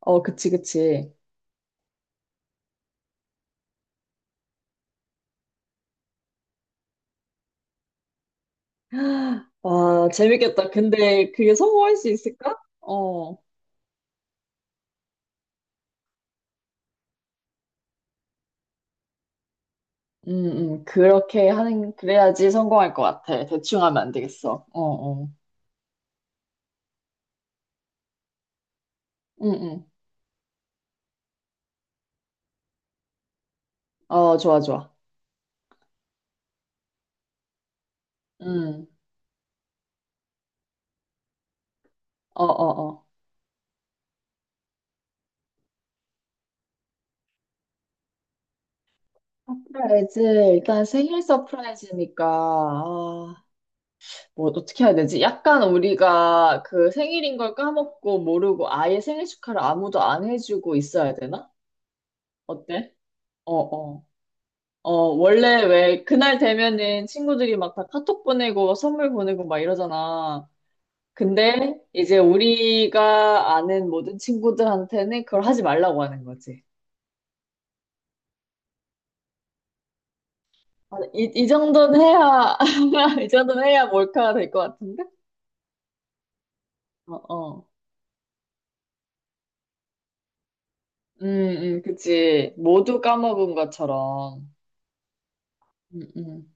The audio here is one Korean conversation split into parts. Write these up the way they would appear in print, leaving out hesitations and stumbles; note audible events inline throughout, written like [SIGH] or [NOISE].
어, 그치, 그치. [GASPS] 와, 재밌겠다. 근데 그게 성공할 수 있을까? 어, 그래야지 성공할 것 같아. 대충 하면 안 되겠어. 어, 어. 응, 응. 어, 좋아, 좋아. 응, 어, 어, 어. 서프라이즈, 일단 생일 서프라이즈니까, 아, 뭐, 어떻게 해야 되지? 약간 우리가 그 생일인 걸 까먹고 모르고 아예 생일 축하를 아무도 안 해주고 있어야 되나? 어때? 어, 어. 어, 원래 왜 그날 되면은 친구들이 막 다 카톡 보내고 선물 보내고 막 이러잖아. 근데 이제 우리가 아는 모든 친구들한테는 그걸 하지 말라고 하는 거지. 아, 이 정도는 해야, [LAUGHS] 이 정도는 해야 몰카가 될 것 같은데? 어, 어. 음, 그치. 모두 까먹은 것처럼. 음, 음.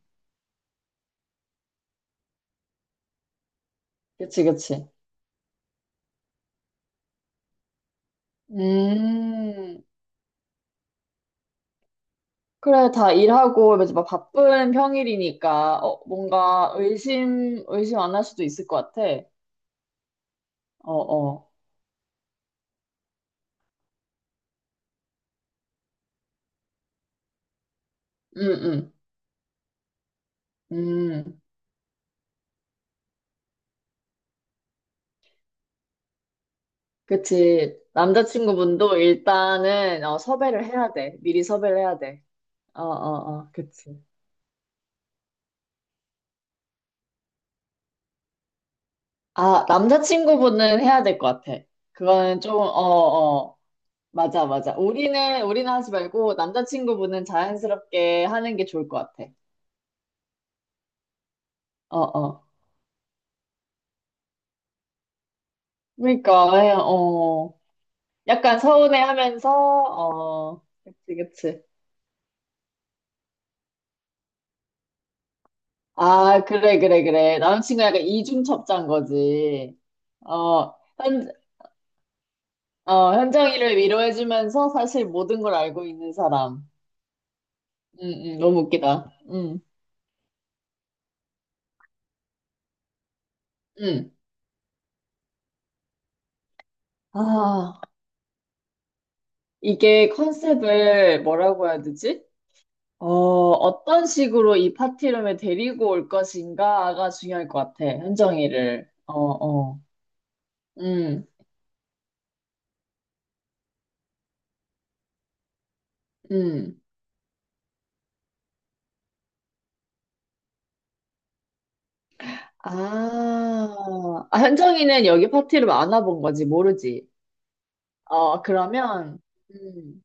그치, 그치. 음. 그래, 다 일하고 이제 막 바쁜 평일이니까 어, 뭔가 의심 안 할 수도 있을 것 같아. 어, 어. 음, 음. 음. 그치. 남자친구분도 일단은 어, 섭외를 해야 돼. 미리 섭외를 해야 돼. 어, 어, 어. 그치. 아, 남자친구분은 해야 될 것 같아. 그거는 좀, 어, 어. 맞아, 맞아. 우리는 하지 말고 남자친구분은 자연스럽게 하는 게 좋을 것 같아. 어, 어. 그러니까 어. 약간 서운해하면서 어 그치 그치 아 그래 그래 그래 남친과 약간 이중첩자인 거지 어현 어, 현정이를 위로해주면서 사실 모든 걸 알고 있는 사람 응 응 너무 웃기다 응 응 아 이게 컨셉을 뭐라고 해야 되지 어 어떤 식으로 이 파티룸에 데리고 올 것인가가 중요할 것 같아 현정이를 어어 음 음. 아, 아, 현정이는 여기 파티를 안 와본 거지, 모르지. 어, 그러면, 음,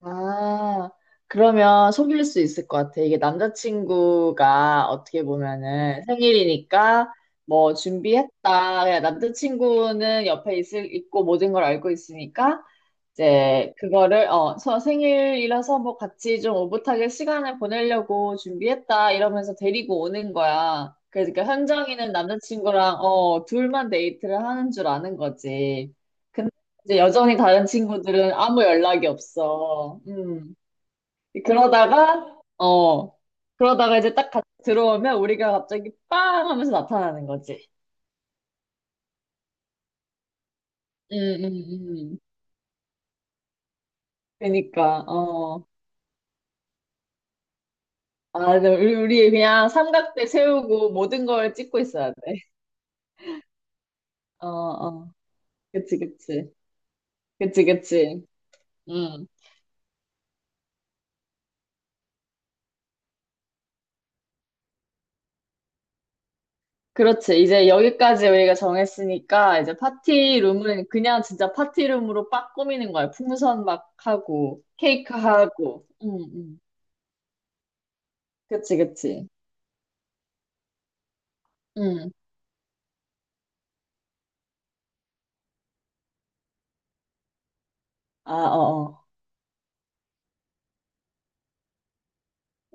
아, 그러면 속일 수 있을 것 같아. 이게 남자친구가 어떻게 보면은 생일이니까 뭐 준비했다. 그냥 남자친구는 옆에 있고 모든 걸 알고 있으니까 이제 그거를, 어, 서 생일이라서 뭐 같이 좀 오붓하게 시간을 보내려고 준비했다. 이러면서 데리고 오는 거야. 그러니까 현정이는 남자친구랑, 어, 둘만 데이트를 하는 줄 아는 거지. 이제 여전히 다른 친구들은 아무 연락이 없어. 음. 그러다가, 어, 그러다가 이제 딱 들어오면 우리가 갑자기 빵 하면서 나타나는 거지. 음, 음, 음. 그러니까, 어. 아, 근데 우리 그냥 삼각대 세우고 모든 걸 찍고 있어야 돼. 어, 어. 그치, 그치. 그치, 그치. 음. 그렇지. 이제 여기까지 우리가 정했으니까 이제 파티룸은 그냥 진짜 파티룸으로 빡 꾸미는 거야. 풍선 막 하고 케이크 하고. 그치, 그치. 음. 아, 어, 어.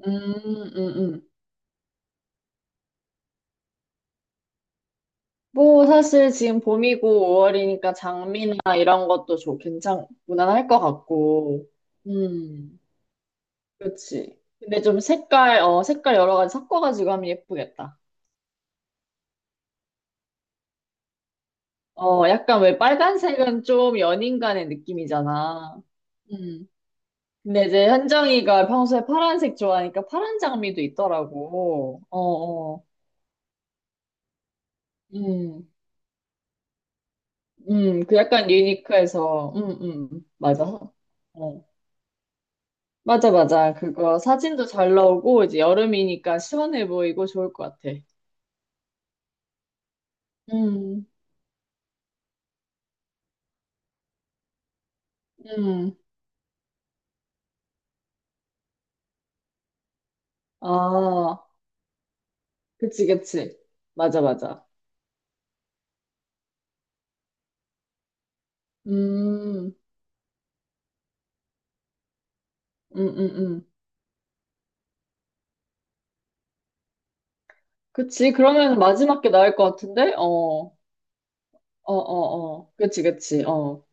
음, 음, 음. 뭐 사실 지금 봄이고 5월이니까 장미나 이런 것도 좀 괜찮 무난할 것 같고. 음. 그치. 근데 좀 색깔 어 색깔 여러 가지 섞어가지고 하면 예쁘겠다. 어, 약간 왜 빨간색은 좀 연인간의 느낌이잖아. 음. 근데 이제 현정이가 평소에 파란색 좋아하니까 파란 장미도 있더라고. 어, 어. 음, 그 약간 유니크해서, 맞아. 어. 맞아, 맞아. 그거 사진도 잘 나오고, 이제 여름이니까 시원해 보이고 좋을 것 같아. 음, 음. 아, 그치, 그치. 맞아, 맞아. 음, 음, 음, 음. 그치. 그러면 마지막 게 나을 것 같은데? 어, 어, 어, 어. 그치, 그치. 어,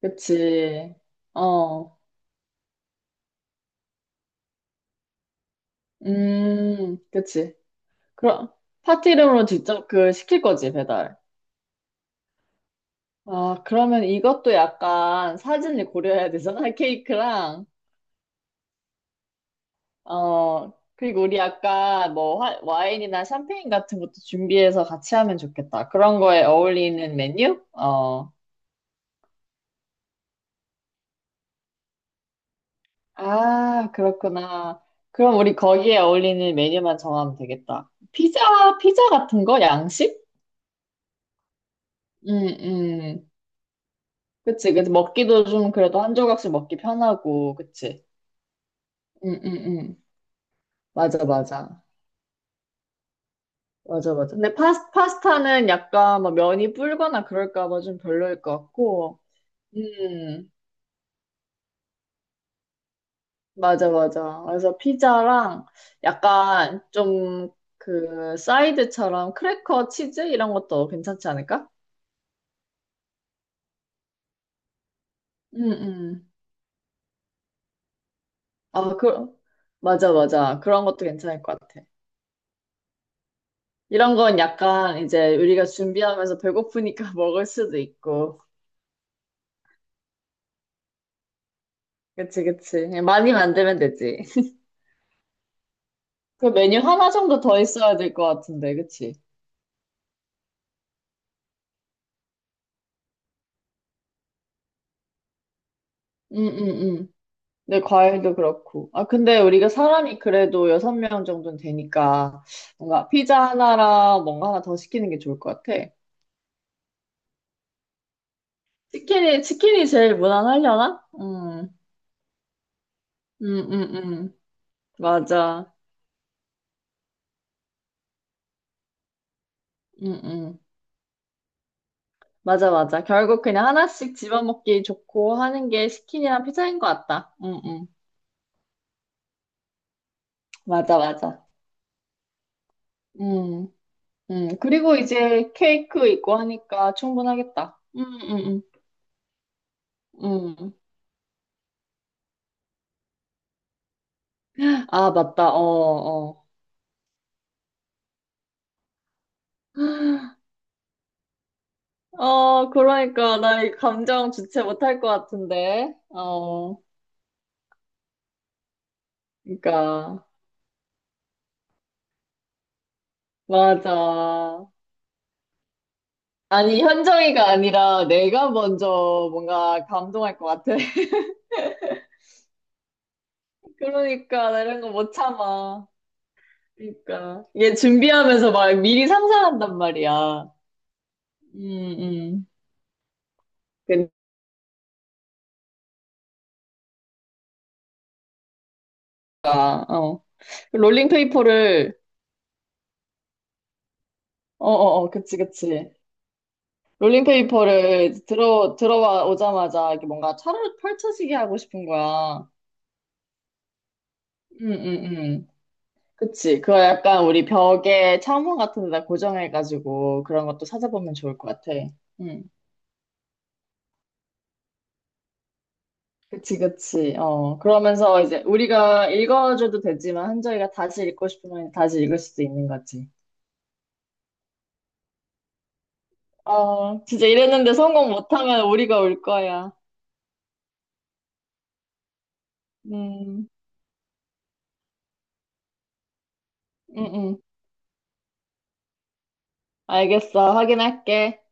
그치. 어, 그치. 그럼, 파티 이름으로 직접 그 시킬 거지, 배달. 아, 그러면 이것도 약간 사진을 고려해야 되잖아, [LAUGHS] 케이크랑. 어, 그리고 우리 약간 뭐 와인이나 샴페인 같은 것도 준비해서 같이 하면 좋겠다. 그런 거에 어울리는 메뉴? 어. 아, 그렇구나. 그럼 우리 거기에 어울리는 메뉴만 정하면 되겠다. 피자 같은 거? 양식? 음, 음. 그치. 그래서 먹기도 좀 그래도 한 조각씩 먹기 편하고, 그치. 음, 음, 음. 맞아, 맞아. 맞아, 맞아. 근데 파스, 파스타는 약간 뭐 면이 불거나 그럴까 봐 좀 별로일 것 같고, 음, 맞아, 맞아. 그래서 피자랑 약간 좀 그 사이드처럼 크래커 치즈 이런 것도 괜찮지 않을까? 음, 음. 아, 그, 맞아, 맞아. 그런 것도 괜찮을 것 같아. 이런 건 약간 이제 우리가 준비하면서 배고프니까 [LAUGHS] 먹을 수도 있고. 그치, 그치. 많이 만들면 되지. [LAUGHS] 그 메뉴 하나 정도 더 있어야 될 것 같은데, 그치? 응, 응, 응. 근데 과일도 그렇고. 아, 근데 우리가 사람이 그래도 여섯 명 정도는 되니까 뭔가 피자 하나랑 뭔가 하나 더 시키는 게 좋을 것 같아. 치킨이 제일 무난하려나? 응, 응, 응, 응. 맞아. 응, 응. 맞아, 맞아. 결국 그냥 하나씩 집어먹기 좋고 하는 게 치킨이랑 피자인 것 같다. 응, 응. 맞아, 맞아. 응, 응. 그리고 이제 케이크 있고 하니까 충분하겠다. 응, 응, 응. 응. 아, 맞다. 어, 어. 어, 그러니까 나이 감정 주체 못할 것 같은데. 어, 그러니까 맞아. 아니 현정이가 아니라 내가 먼저 뭔가 감동할 것 같아. [LAUGHS] 그러니까 나 이런 거 못 참아. 그러니까 얘 준비하면서 막 미리 상상한단 말이야. 음, 음. 그러니까 어. 롤링페이퍼를 어, 어, 어, 그치, 그치. 롤링페이퍼를 들어와 오자마자 이렇게 뭔가 차를 펼쳐지게 하고 싶은 거야. 음, 음, 음. 그치. 그거 약간 우리 벽에 창문 같은 데다 고정해가지고 그런 것도 찾아보면 좋을 것 같아. 음. 그치, 그치. 어, 그러면서 이제 우리가 읽어줘도 되지만 한정이가 다시 읽고 싶으면 다시 읽을 수도 있는 거지. 어, 진짜 이랬는데 성공 못하면 우리가 올 거야. 음, 음, 음. 알겠어. 확인할게.